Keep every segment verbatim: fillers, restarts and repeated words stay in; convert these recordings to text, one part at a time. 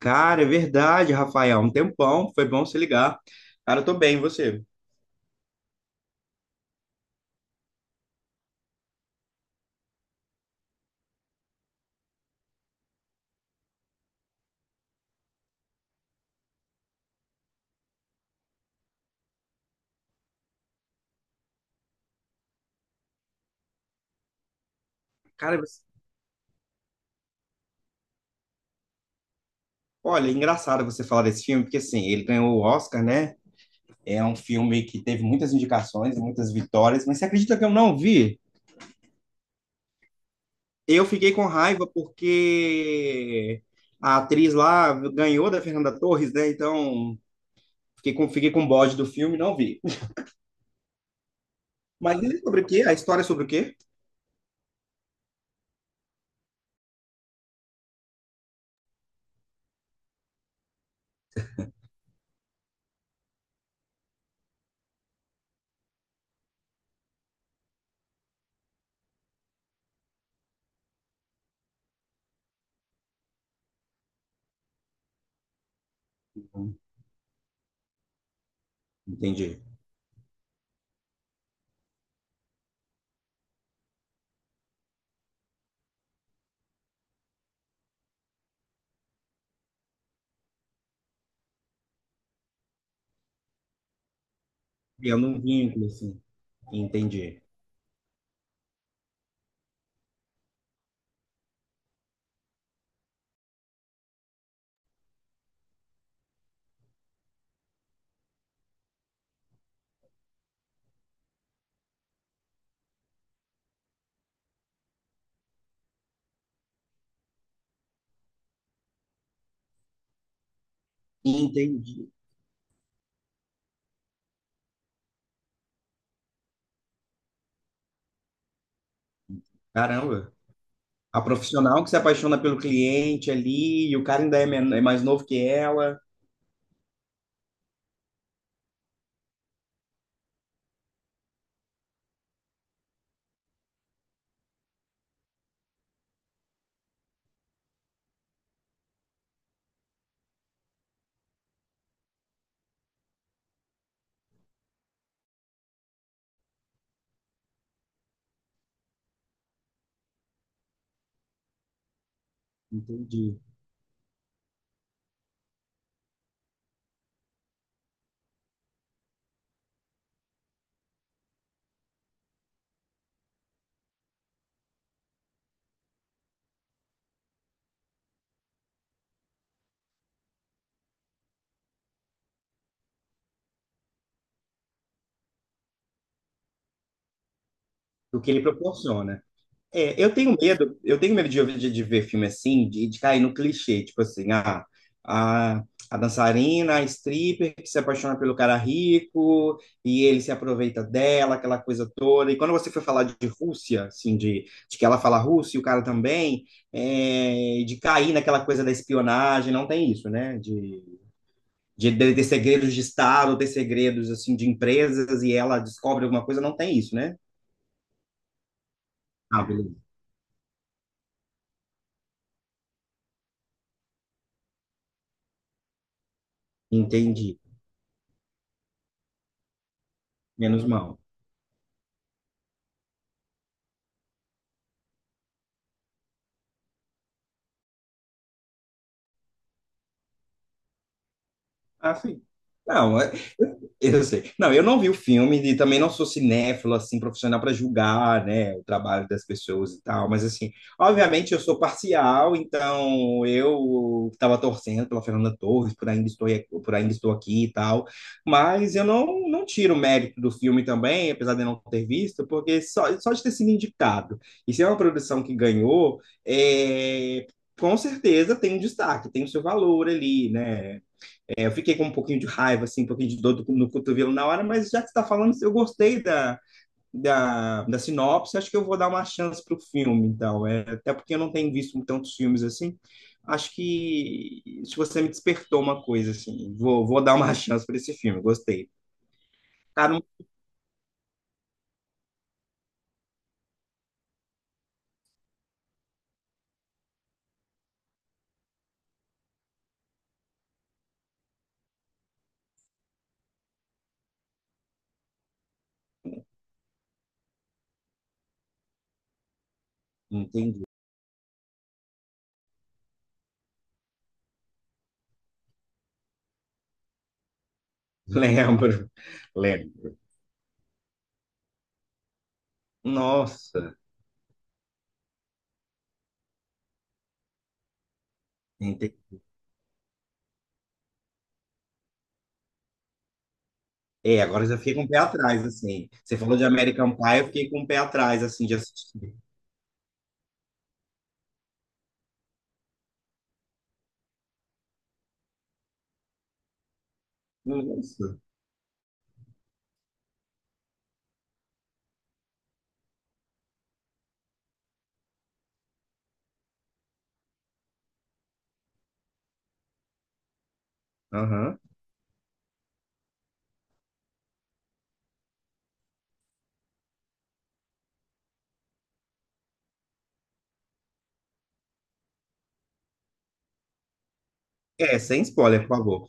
Cara, é verdade, Rafael. Um tempão, foi bom se ligar. Cara, eu tô bem, e você? Cara, você- Olha, é engraçado você falar desse filme, porque assim, ele ganhou o Oscar, né? É um filme que teve muitas indicações, muitas vitórias, mas você acredita que eu não vi? Eu fiquei com raiva porque a atriz lá ganhou da Fernanda Torres, né? Então, fiquei com, fiquei com um bode do filme, e não vi. Mas ele é sobre o quê? A história é sobre o quê? Entendi. Criando um vínculo, assim. Entendi. Entendi. Caramba. A profissional que se apaixona pelo cliente ali, e o cara ainda é, men- é mais novo que ela. Entendi. O que ele proporciona. É, eu tenho medo, eu tenho medo de, de, de ver filme assim, de, de cair no clichê, tipo assim, ah, a, a dançarina, a stripper que se apaixona pelo cara rico e ele se aproveita dela, aquela coisa toda. E quando você foi falar de Rússia, assim, de, de que ela fala russo e o cara também, é, de cair naquela coisa da espionagem, não tem isso, né? De, de, de segredos de Estado, ter segredos assim de empresas e ela descobre alguma coisa, não tem isso, né? Ah, beleza. Entendi. Menos mal. Ah, sim. Não, é- eu sei. Não, eu não vi o filme e também não sou cinéfilo, assim, profissional para julgar, né, o trabalho das pessoas e tal, mas, assim, obviamente eu sou parcial, então eu estava torcendo pela Fernanda Torres, por ainda estou, por ainda estou aqui e tal, mas eu não, não tiro o mérito do filme também, apesar de não ter visto, porque só, só de ter sido indicado, e se é uma produção que ganhou, é, com certeza tem um destaque, tem o seu valor ali, né, eu fiquei com um pouquinho de raiva, assim, um pouquinho de dor no cotovelo na hora, mas já que você está falando, eu gostei da, da, da sinopse, acho que eu vou dar uma chance para o filme, então. É, até porque eu não tenho visto tantos filmes assim. Acho que se você me despertou uma coisa, assim, vou, vou dar uma chance para esse filme, gostei. Cara, não entendi. Lembro, lembro. Nossa, entendi. É, agora eu já fiquei com o pé atrás, assim. Você falou de American Pie, eu fiquei com o pé atrás, assim, de assistir. Nossa, aham. É, sem spoiler, por favor.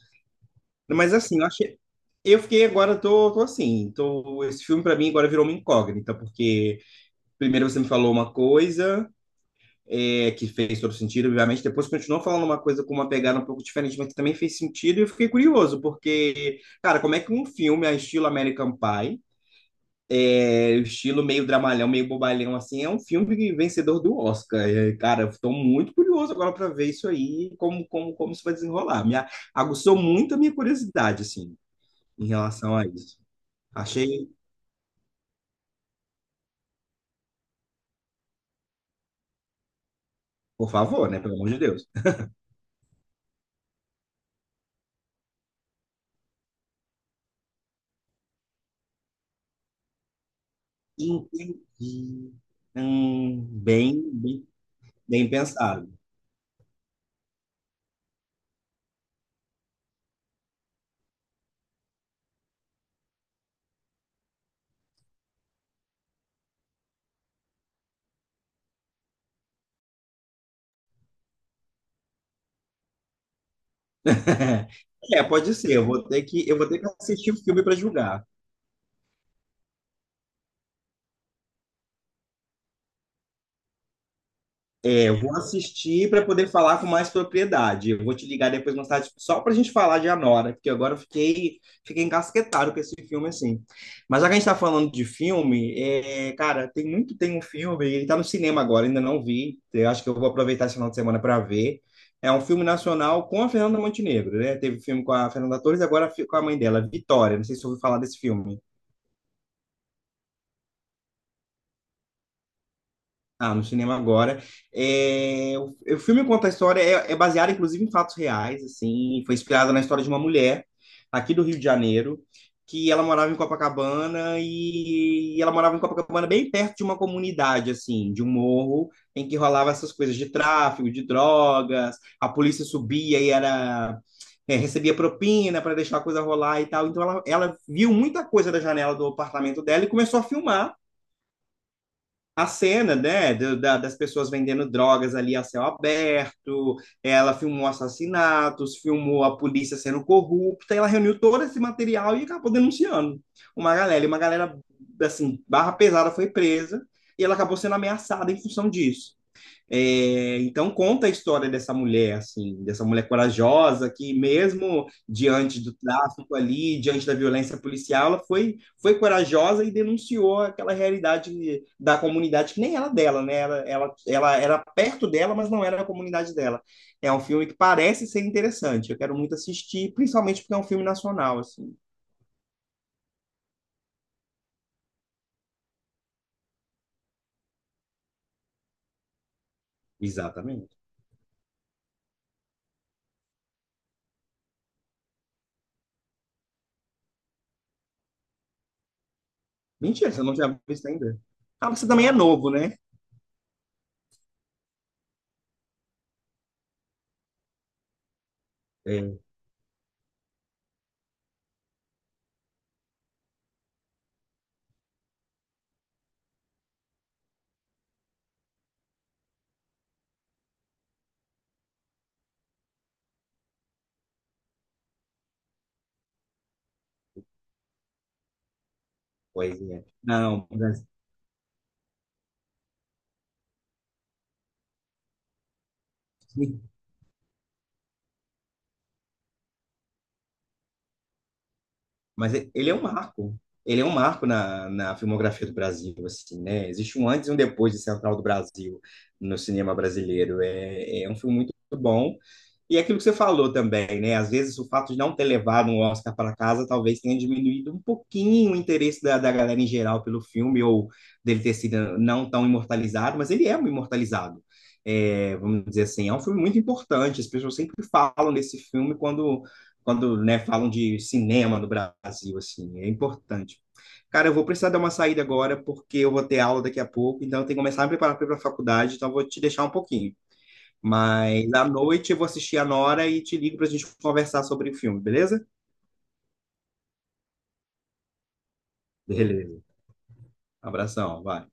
Mas assim, eu achei. Eu fiquei agora, tô, tô assim, tô, Esse filme pra mim agora virou uma incógnita, porque primeiro você me falou uma coisa é, que fez todo sentido, obviamente, depois continuou falando uma coisa com uma pegada um pouco diferente, mas que também fez sentido, e eu fiquei curioso, porque, cara, como é que um filme a estilo American Pie é, o estilo meio dramalhão, meio bobalhão, assim, é um filme vencedor do Oscar. É, cara, estou muito curioso agora para ver isso aí, como, como, como isso vai desenrolar. Me a- aguçou muito a minha curiosidade, assim, em relação a isso. Achei, por favor, né? Pelo amor de Deus. Entendi. Hum, bem, bem, bem pensado. É, pode ser. Eu vou ter que, eu vou ter que assistir o filme para julgar. É, eu vou assistir para poder falar com mais propriedade. Eu vou te ligar depois mais tarde só para a gente falar de Anora, porque agora eu fiquei, fiquei encasquetado com esse filme assim. Mas já que a gente está falando de filme, é, cara, tem muito tem um filme, ele está no cinema agora, ainda não vi. Eu acho que eu vou aproveitar esse final de semana para ver. É um filme nacional com a Fernanda Montenegro, né? Teve filme com a Fernanda Torres, agora fi- com a mãe dela, Vitória. Não sei se você ouviu falar desse filme. Ah, no cinema agora. É, o, o filme conta a história, é, é baseado inclusive em fatos reais, assim, e foi inspirado na história de uma mulher aqui do Rio de Janeiro, que ela morava em Copacabana e, e ela morava em Copacabana bem perto de uma comunidade, assim, de um morro em que rolava essas coisas de tráfico, de drogas, a polícia subia e era é, recebia propina para deixar a coisa rolar e tal. Então ela, ela viu muita coisa da janela do apartamento dela e começou a filmar a cena, né, do- da- das pessoas vendendo drogas ali a céu aberto, ela filmou assassinatos, filmou a polícia sendo corrupta, ela reuniu todo esse material e acabou denunciando uma galera, e uma galera, assim, barra pesada foi presa, e ela acabou sendo ameaçada em função disso. É, então conta a história dessa mulher, assim, dessa mulher corajosa que mesmo diante do tráfico ali, diante da violência policial, ela foi, foi corajosa e denunciou aquela realidade da comunidade que nem era dela, né? Ela, ela, ela era perto dela, mas não era a comunidade dela. É um filme que parece ser interessante. Eu quero muito assistir, principalmente porque é um filme nacional, assim. Exatamente. Mentira, você não tinha visto ainda. Ah, você também é novo, né? É, pois é. Não, mas... Mas e- ele é um marco. Ele é um marco na, na filmografia do Brasil, assim, né? Existe um antes e um depois de Central do Brasil no cinema brasileiro. É, é um filme muito bom. E aquilo que você falou também, né? Às vezes o fato de não ter levado um Oscar para casa talvez tenha diminuído um pouquinho o interesse da, da galera em geral pelo filme, ou dele ter sido não tão imortalizado, mas ele é um imortalizado. É, vamos dizer assim, é um filme muito importante. As pessoas sempre falam desse filme quando quando, né, falam de cinema no Brasil, assim, é importante. Cara, eu vou precisar dar uma saída agora, porque eu vou ter aula daqui a pouco, então eu tenho que começar a me preparar para a faculdade, então eu vou te deixar um pouquinho. Mas à noite eu vou assistir a Nora e te ligo para a gente conversar sobre o filme, beleza? Beleza. Abração, vai.